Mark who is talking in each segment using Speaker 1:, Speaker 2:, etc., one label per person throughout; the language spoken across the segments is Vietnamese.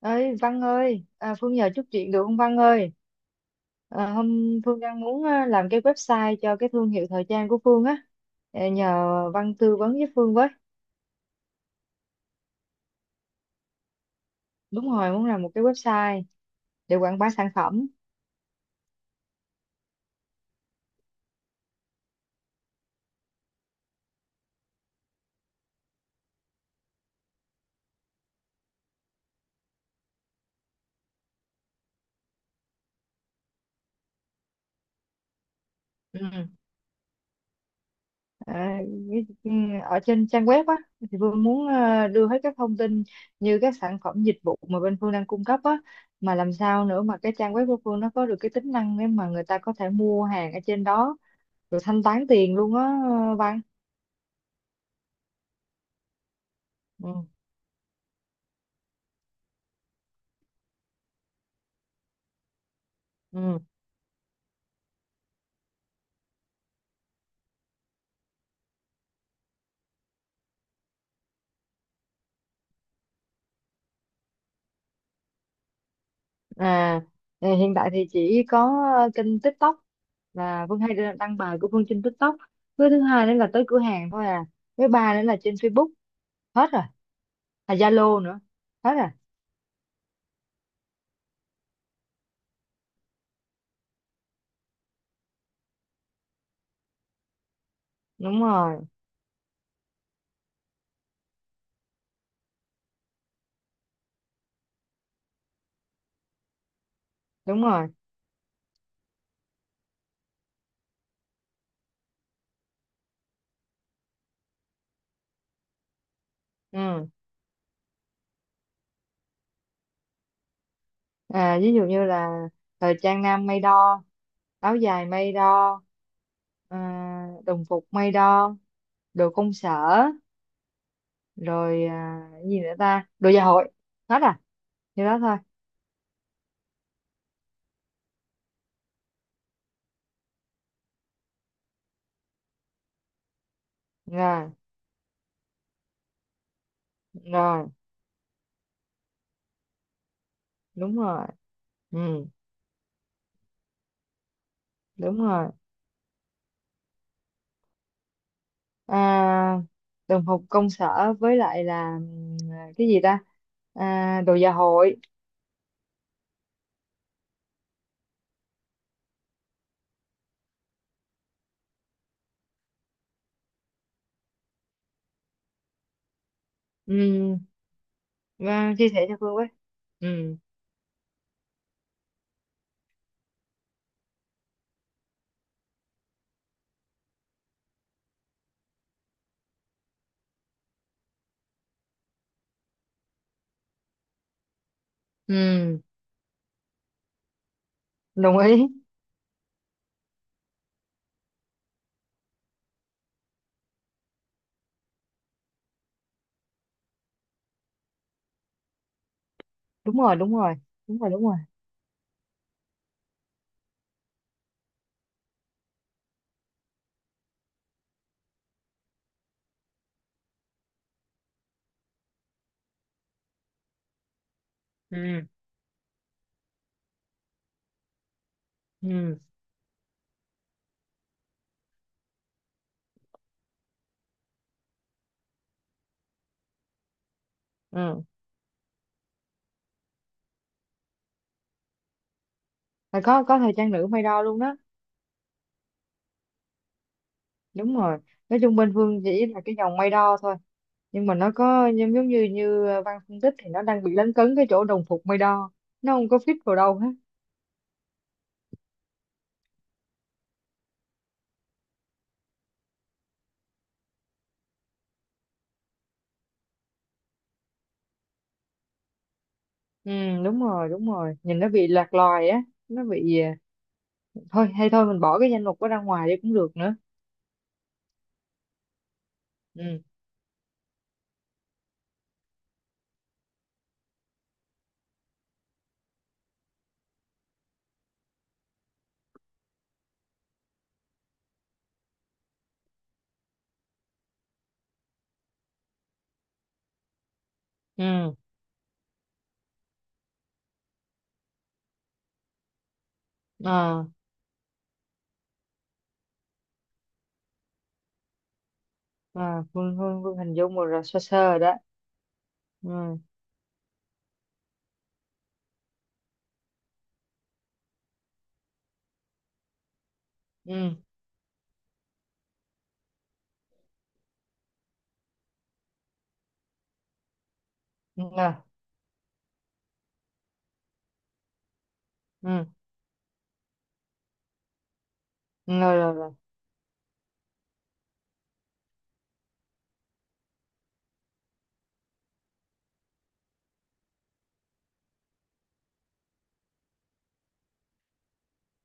Speaker 1: Ơi Văn ơi, Phương nhờ chút chuyện được không Văn ơi? Hôm Phương đang muốn làm cái website cho cái thương hiệu thời trang của Phương á. À, nhờ Văn tư vấn với Phương với. Đúng rồi, muốn làm một cái website để quảng bá sản phẩm. Ừ. à, cái- ừ, Ở trên trang web á thì Phương muốn đưa hết các thông tin như các sản phẩm dịch vụ mà bên Phương đang cung cấp á, mà làm sao nữa mà cái trang web của Phương nó có được cái tính năng để mà người ta có thể mua hàng ở trên đó rồi thanh toán tiền luôn á Văn. Ừ. Ừ. À, hiện tại thì chỉ có kênh TikTok là Vân hay đăng bài của Vân trên TikTok. Với thứ hai nữa là tới cửa hàng thôi à. Với ba nữa là trên Facebook, hết rồi. À Zalo nữa. Hết rồi. Đúng rồi, đúng rồi. Ừ. À, ví dụ như là thời trang nam may đo, áo dài may đo, ờ, đồng phục may đo, đồ công sở, rồi cái gì nữa ta? Đồ gia hội. Hết à. Như đó thôi. Rồi, rồi, đúng rồi. Ừ, đúng rồi. À, đồng phục công sở với lại là cái gì ta, à, đồ dạ hội. Ừm. À, chia sẻ cho Phương với. Ừm. Ừm. Đồng ý. Đúng rồi, đúng rồi. Đúng rồi, đúng rồi. Ừm. Ừm. Ừm. Và có thời trang nữ may đo luôn đó. Đúng rồi, nói chung bên Phương chỉ là cái dòng may đo thôi, nhưng mà nó có giống giống như như Văn phân tích thì nó đang bị lấn cấn cái chỗ đồng phục may đo, nó không có fit vào đâu hết. Ừ, đúng rồi đúng rồi, nhìn nó bị lạc loài á, nó bị à, thôi hay thôi mình bỏ cái danh mục đó ra ngoài đi cũng được nữa. Ừ. Ừ. À, à Phương, Phương, Phương hình dung một rồi sơ sơ rồi đó. Ừ. Ừ. Ừ, rồi. Ừ. Ừ, rồi rồi rồi.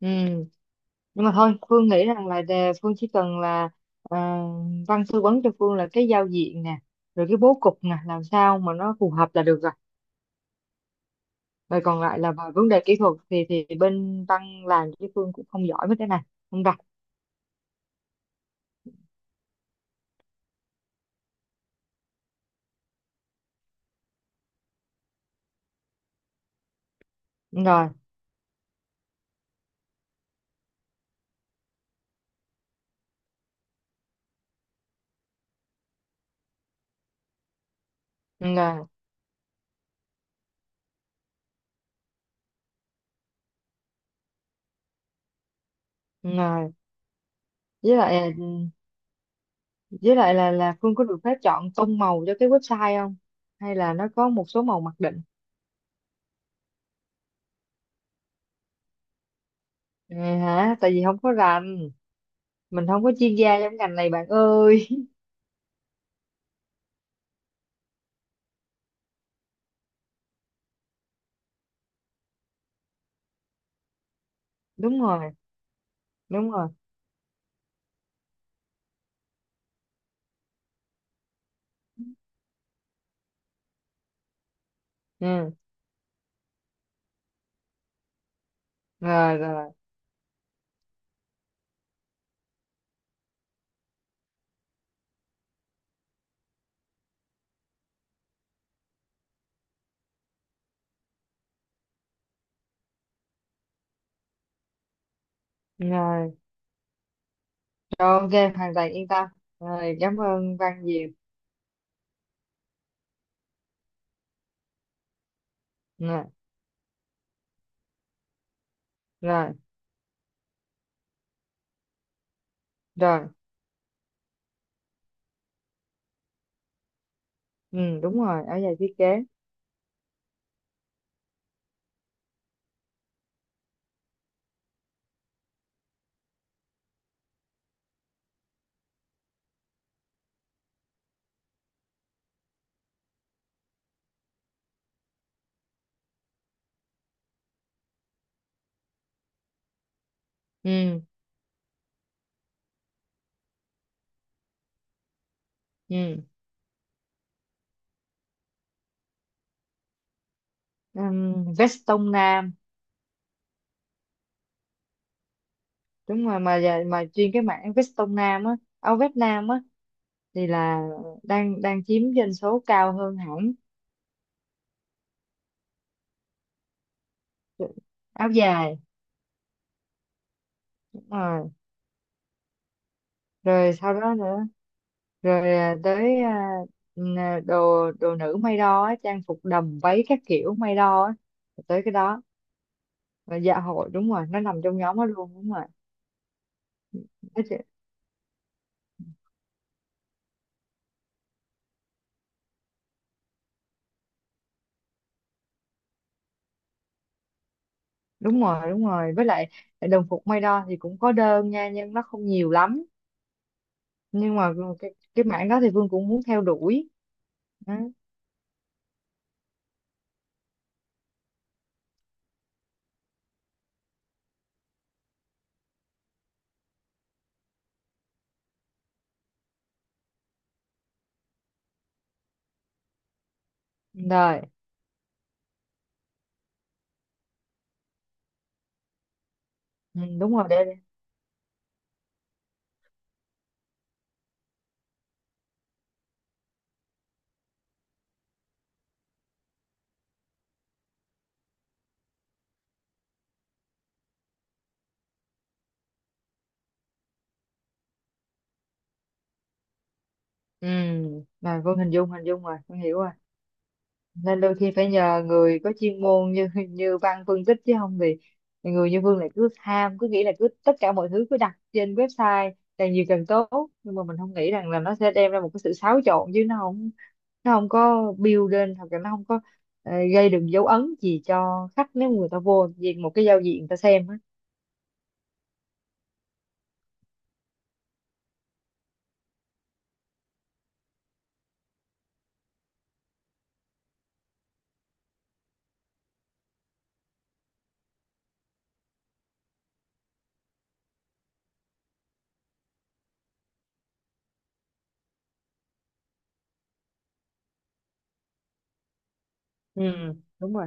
Speaker 1: Ừ. Nhưng mà thôi Phương nghĩ rằng là đề- Phương chỉ cần là ờ, Văn tư vấn cho Phương là cái giao diện nè, rồi cái bố cục nè, làm sao mà nó phù hợp là được rồi. Rồi còn lại là về vấn đề kỹ thuật thì bên Văn làm chứ Phương cũng không giỏi mấy cái này, không đặt. Đúng rồi. Đúng rồi. Đúng rồi. Với lại với lại là Phương có được phép chọn tông màu cho cái website không, hay là nó có một số màu mặc định? À, hả, tại vì không có rành, mình không có chuyên gia trong ngành này bạn ơi. Đúng rồi. Đúng rồi. Ừ. Rồi rồi rồi. Rồi. Ok, hoàn toàn yên tâm. Rồi cảm ơn Văn nhiều. Rồi. Rồi. Rồi. Ừ, đúng rồi ở giày thiết kế. Ừ. Ừ. Vest tông nam. Đúng rồi, mà giày- mà chuyên cái mảng vest tông nam á, áo vest nam á, thì là đang đang chiếm doanh số cao hơn hẳn. Áo dài. Đúng rồi. Rồi sau đó nữa. Rồi à, tới à, n- à, đồ đồ nữ may đo á, trang phục đầm váy các kiểu may đo á. Rồi tới cái đó, và dạ hội đúng rồi, nó nằm trong nhóm đó luôn, đúng rồi. Nói chứ- đúng rồi đúng rồi, với lại đồng phục may đo thì cũng có đơn nha, nhưng nó không nhiều lắm. Nhưng mà cái mảng đó thì Vương cũng muốn theo đuổi đó. Rồi. Ừ, đúng rồi để. Ừ, rồi Vân hình dung rồi, Vân hiểu rồi. Nên đôi khi phải nhờ người có chuyên môn như như Văn phân tích chứ không thì người như Vân lại cứ ham, cứ nghĩ là cứ tất cả mọi thứ cứ đặt trên website càng nhiều càng tốt, nhưng mà mình không nghĩ rằng là nó sẽ đem ra một cái sự xáo trộn chứ nó không, nó không có build lên hoặc là nó không có gây được dấu ấn gì cho khách nếu người ta vô vì một cái giao diện người ta xem á. Ừ, đúng rồi.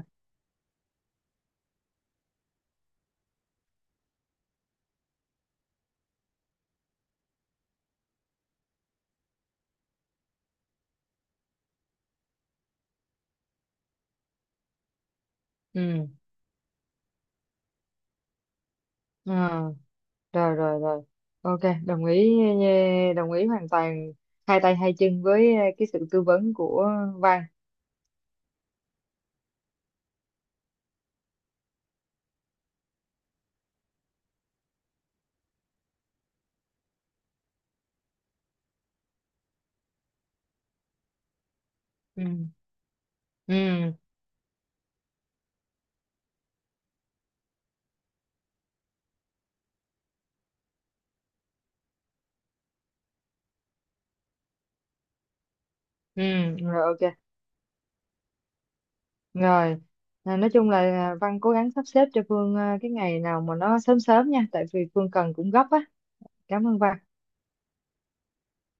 Speaker 1: Ừ. Ờ. Rồi rồi rồi. Ok, đồng ý eh, đồng ý hoàn toàn hai tay hai chân với eh, cái sự tư vấn của Văn. Ừ. Ừ. Ừ. Rồi ok. Rồi à, nói chung là ờ, Văn cố gắng sắp xếp cho Phương eh, cái ngày nào mà nó sớm sớm nha tại vì Phương cần cũng gấp á. Cảm ơn Văn.